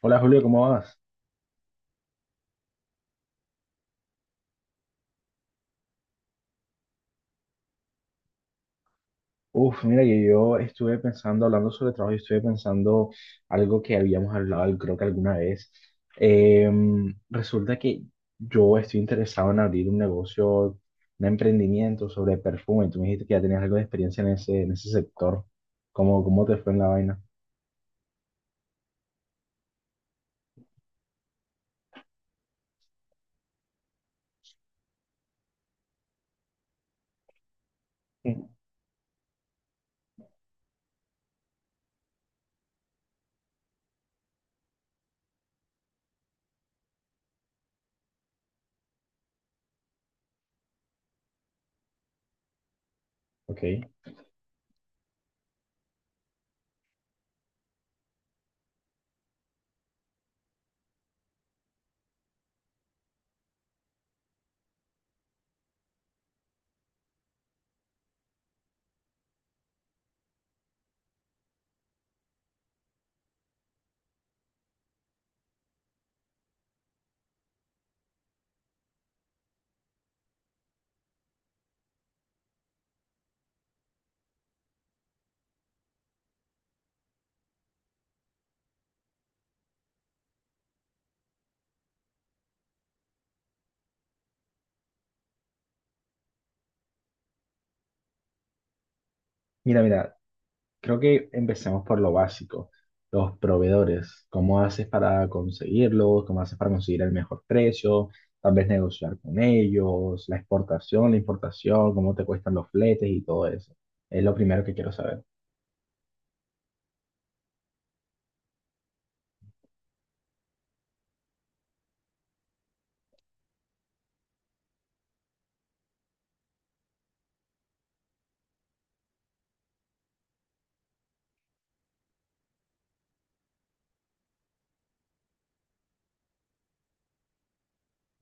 Hola Julio, ¿cómo vas? Uf, mira que yo estuve pensando, hablando sobre trabajo, y estuve pensando algo que habíamos hablado, creo que alguna vez. Resulta que yo estoy interesado en abrir un negocio, un emprendimiento sobre perfume. Tú me dijiste que ya tenías algo de experiencia en ese sector. ¿Cómo te fue en la vaina? Mm. Ok. Mira, mira, creo que empecemos por lo básico, los proveedores. ¿Cómo haces para conseguirlos? ¿Cómo haces para conseguir el mejor precio? Tal vez negociar con ellos, la exportación, la importación, cómo te cuestan los fletes y todo eso. Es lo primero que quiero saber.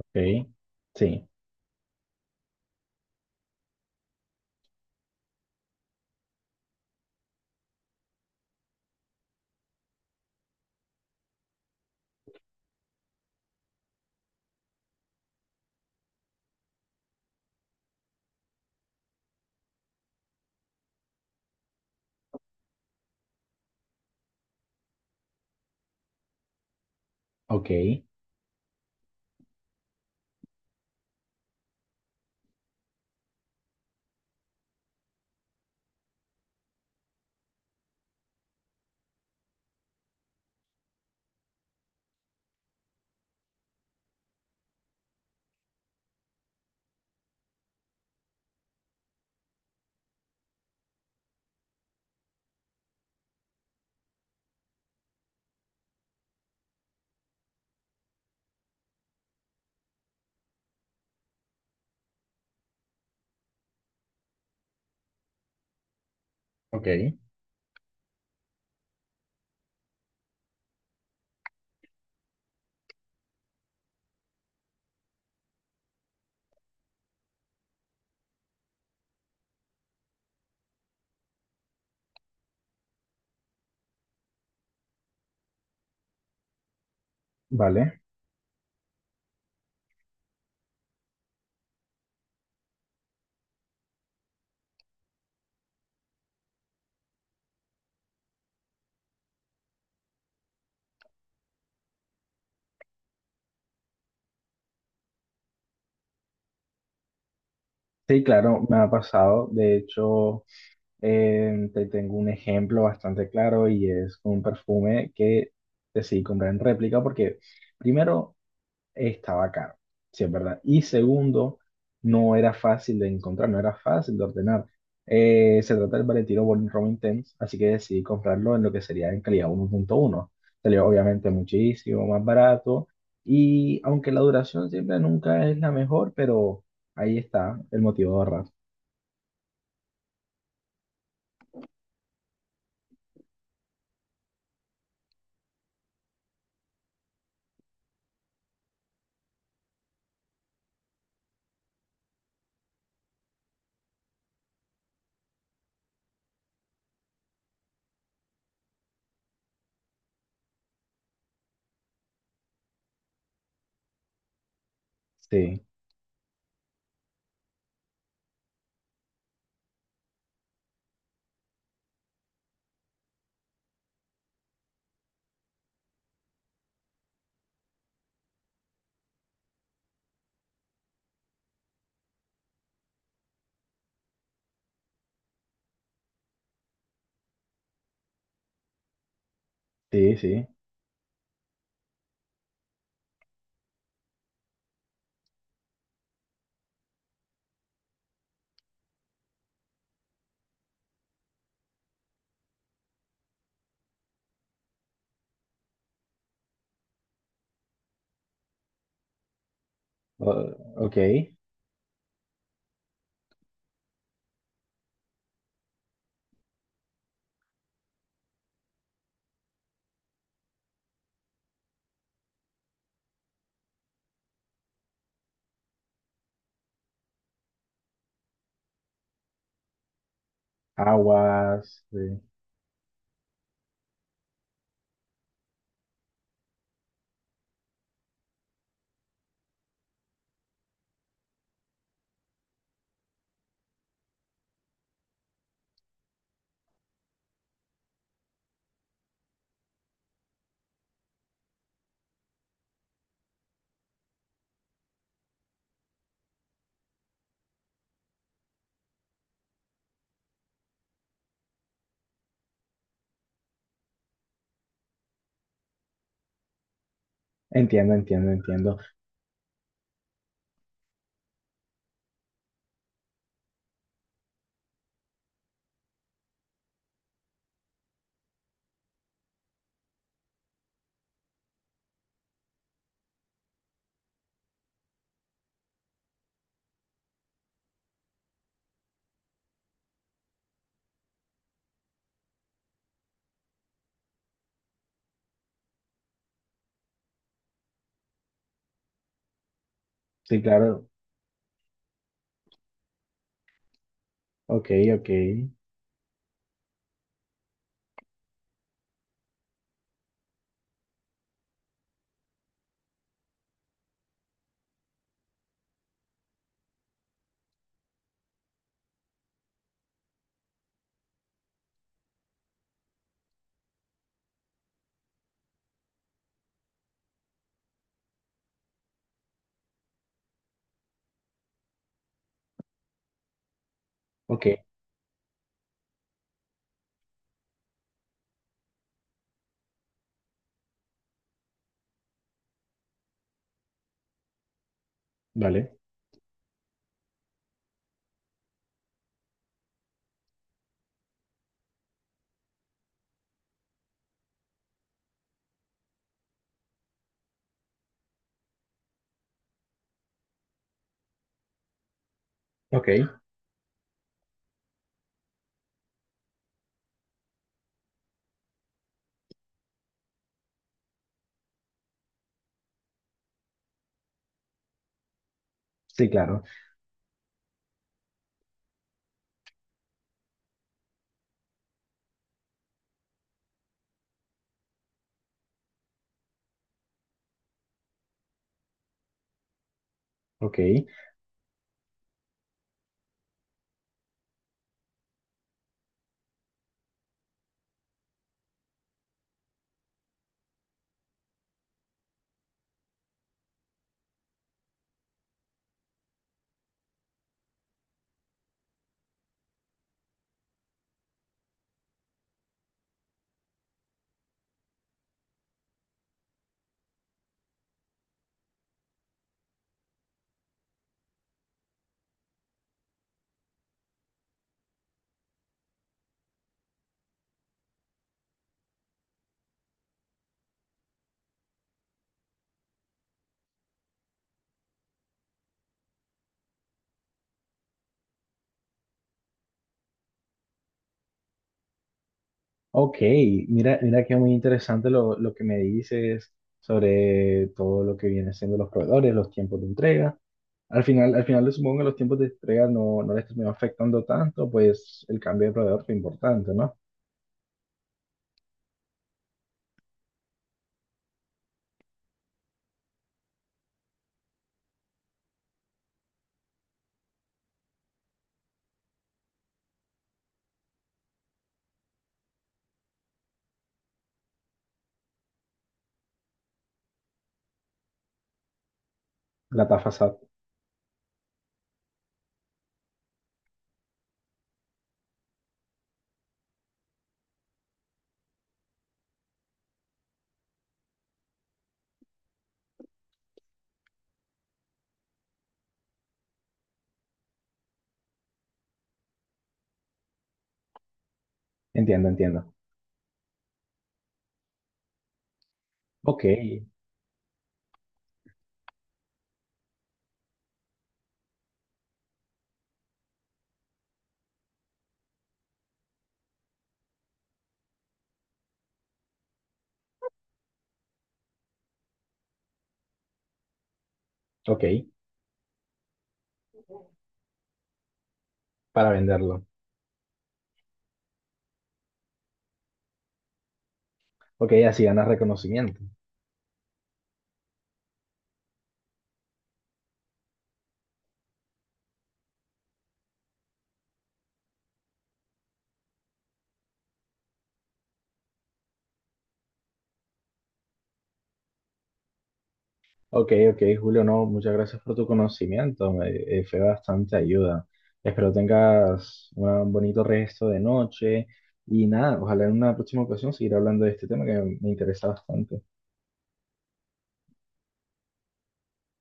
Ok, sí, ok, ok, vale. Sí, claro, me ha pasado. De hecho, te tengo un ejemplo bastante claro y es un perfume que decidí comprar en réplica porque primero, estaba caro, sí es verdad. Y segundo, no era fácil de encontrar, no era fácil de ordenar. Se trata del Valentino Born Rom Intense, así que decidí comprarlo en lo que sería en calidad uno punto uno. Salió obviamente muchísimo más barato y aunque la duración siempre nunca es la mejor, pero ahí está el motivo de ahorrar. Sí, sí, sí. O- ok. Aguas, sí. Entiendo, entiendo, entiendo. Sí, claro. Ok, ok. Ok, vale. Ok. Sí, claro. Ok. Ok. Mira, mira que muy interesante lo que me dices sobre todo lo que viene siendo los proveedores, los tiempos de entrega. Al final supongo que los tiempos de entrega no les terminó afectando tanto, pues el cambio de proveedor fue importante, ¿no? La tasa SAT. Entiendo, entiendo. Ok, ok, para venderlo. Ok, así ganas reconocimiento. Ok, ok, Julio, no, muchas gracias por tu conocimiento, me fue bastante ayuda. Espero tengas un bonito resto de noche y nada, ojalá en una próxima ocasión seguir hablando de este tema que me interesa bastante.